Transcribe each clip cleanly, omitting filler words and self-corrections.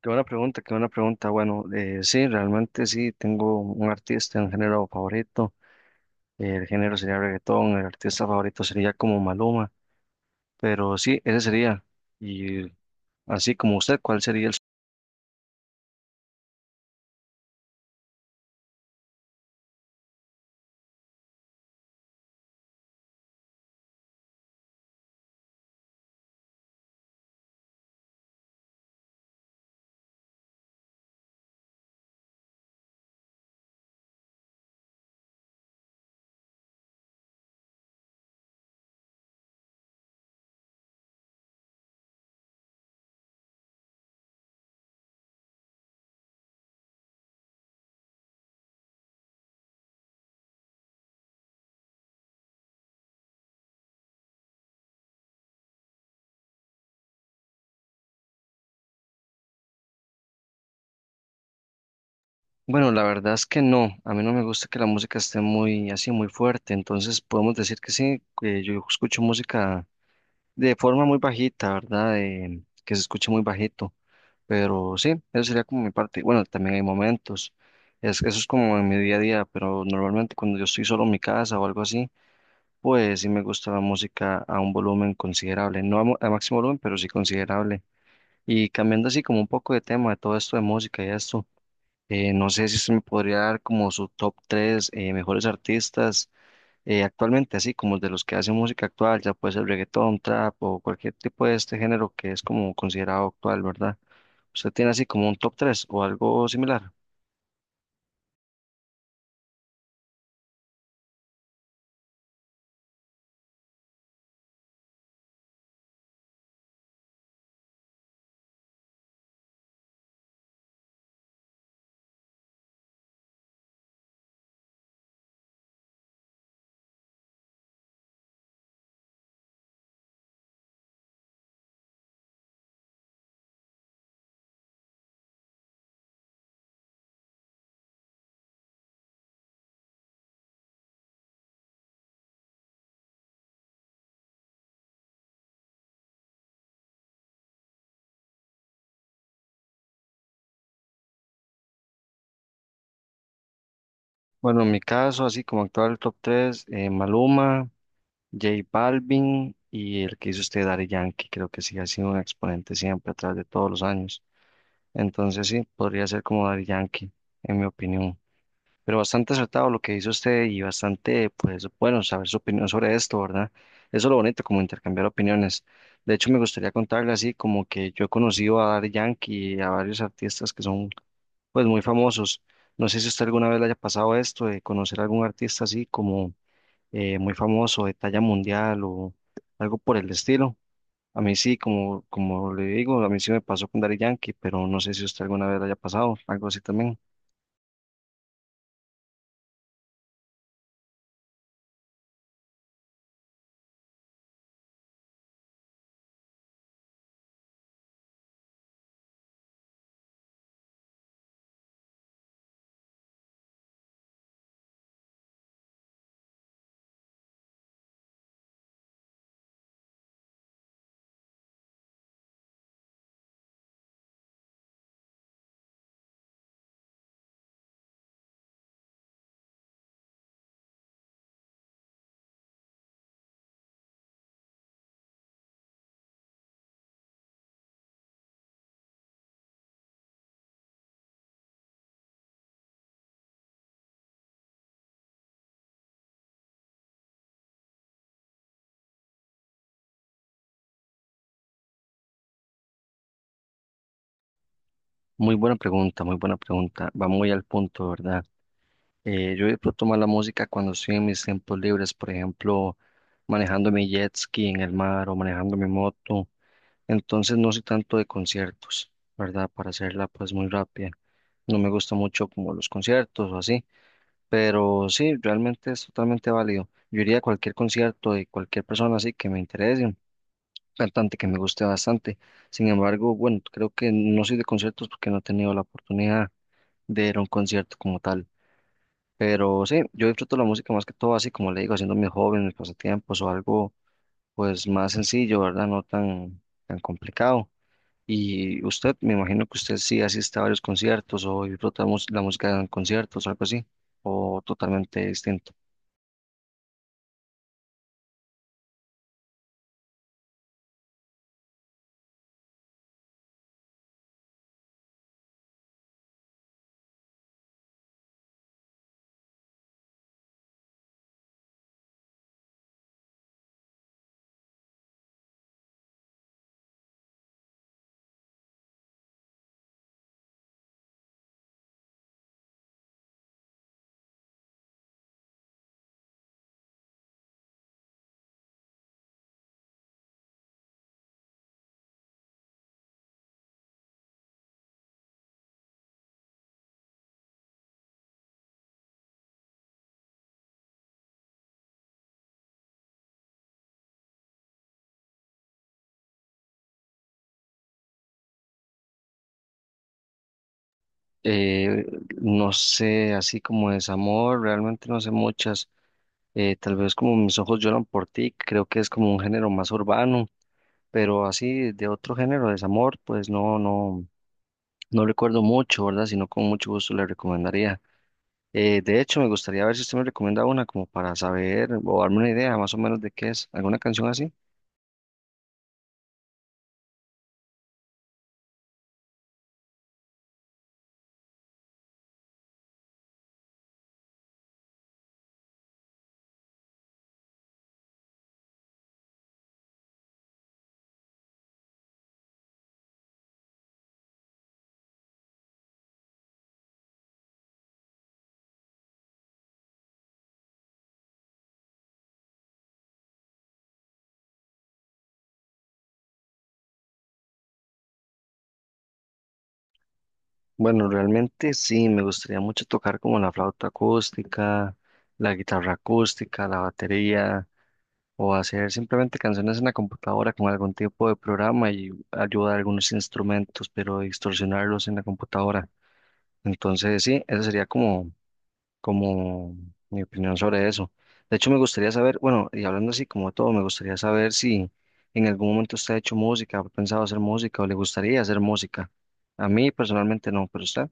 Qué buena pregunta, qué buena pregunta. Bueno, sí, realmente sí, tengo un artista, un género favorito. El género sería reggaetón, el artista favorito sería como Maluma, pero sí, ese sería. Y así como usted, ¿cuál sería el... Bueno, la verdad es que no, a mí no me gusta que la música esté muy así, muy fuerte, entonces podemos decir que sí, que yo escucho música de forma muy bajita, ¿verdad? Que se escuche muy bajito. Pero sí, eso sería como mi parte. Bueno, también hay momentos. Es, eso es como en mi día a día, pero normalmente cuando yo estoy solo en mi casa o algo así, pues sí me gusta la música a un volumen considerable. No a, mo- A máximo volumen, pero sí considerable. Y cambiando así como un poco de tema de todo esto de música y esto, no sé si usted me podría dar como su top 3 mejores artistas actualmente, así como de los que hacen música actual, ya puede ser reggaetón, trap o cualquier tipo de este género que es como considerado actual, ¿verdad? ¿Usted tiene así como un top 3 o algo similar? Bueno, en mi caso, así como actual top 3: Maluma, J Balvin y el que hizo usted, Daddy Yankee, creo que sí ha sido un exponente siempre a través de todos los años. Entonces sí, podría ser como Daddy Yankee, en mi opinión. Pero bastante acertado lo que dice usted y bastante, pues, bueno, saber su opinión sobre esto, ¿verdad? Eso es lo bonito, como intercambiar opiniones. De hecho, me gustaría contarle así, como que yo he conocido a Daddy Yankee y a varios artistas que son, pues, muy famosos. No sé si usted alguna vez le haya pasado esto de conocer a algún artista así como muy famoso, de talla mundial o algo por el estilo. A mí sí, como, como le digo, a mí sí me pasó con Daddy Yankee, pero no sé si usted alguna vez le haya pasado algo así también. Muy buena pregunta, muy buena pregunta. Va muy al punto, ¿verdad? Yo disfruto más la música cuando estoy en mis tiempos libres, por ejemplo, manejando mi jet ski en el mar o manejando mi moto. Entonces no soy tanto de conciertos, ¿verdad? Para hacerla pues muy rápida. No me gusta mucho como los conciertos o así, pero sí, realmente es totalmente válido. Yo iría a cualquier concierto de cualquier persona así que me interese, un cantante que me guste bastante. Sin embargo, bueno, creo que no soy de conciertos porque no he tenido la oportunidad de ir a un concierto como tal. Pero sí, yo disfruto la música más que todo, así como le digo, haciendo mis hobbies, mis pasatiempos o algo pues más sencillo, ¿verdad? No tan, tan complicado. Y usted, me imagino que usted sí asiste a varios conciertos o disfruta la música en conciertos o algo así, o totalmente distinto. Eh, no sé, así como desamor, realmente no sé muchas. Tal vez como Mis ojos lloran por ti, creo que es como un género más urbano, pero así de otro género, desamor, pues no, no. No recuerdo mucho, ¿verdad? Sino con mucho gusto le recomendaría. De hecho, me gustaría ver si usted me recomienda una como para saber o darme una idea más o menos de qué es. ¿Alguna canción así? Bueno, realmente sí, me gustaría mucho tocar como la flauta acústica, la guitarra acústica, la batería o hacer simplemente canciones en la computadora con algún tipo de programa y ayudar a algunos instrumentos, pero distorsionarlos en la computadora. Entonces sí, esa sería como como mi opinión sobre eso. De hecho, me gustaría saber, bueno, y hablando así como de todo, me gustaría saber si en algún momento usted ha hecho música, ha pensado hacer música o le gustaría hacer música. A mí personalmente no, pero usted.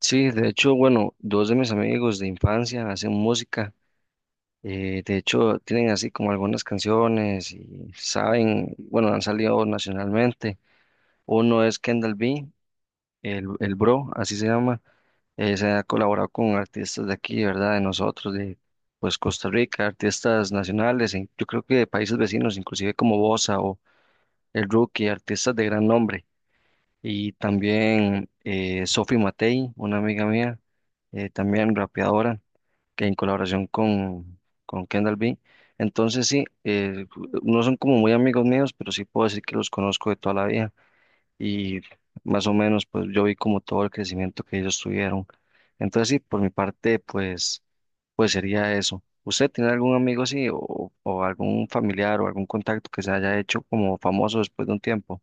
Sí, de hecho, bueno, dos de mis amigos de infancia hacen música. De hecho, tienen así como algunas canciones y saben, bueno, han salido nacionalmente. Uno es Kendall B, el Bro, así se llama. Se ha colaborado con artistas de aquí, ¿verdad? De nosotros, de pues Costa Rica, artistas nacionales, e yo creo que de países vecinos, inclusive como Bosa o El Rookie, artistas de gran nombre. Y también Sophie Matei, una amiga mía, también rapeadora, que en colaboración con Kendall B. Entonces sí, no son como muy amigos míos, pero sí puedo decir que los conozco de toda la vida y más o menos pues yo vi como todo el crecimiento que ellos tuvieron. Entonces sí, por mi parte pues sería eso. ¿Usted tiene algún amigo así o algún familiar o algún contacto que se haya hecho como famoso después de un tiempo?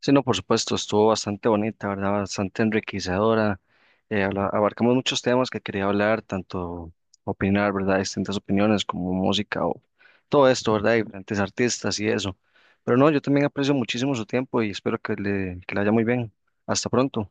Sí, no, por supuesto, estuvo bastante bonita, ¿verdad? Bastante enriquecedora. Abarcamos muchos temas que quería hablar, tanto opinar, ¿verdad? Distintas opiniones como música o todo esto, ¿verdad? Y diferentes artistas y eso. Pero no, yo también aprecio muchísimo su tiempo y espero que que le haya muy bien. Hasta pronto.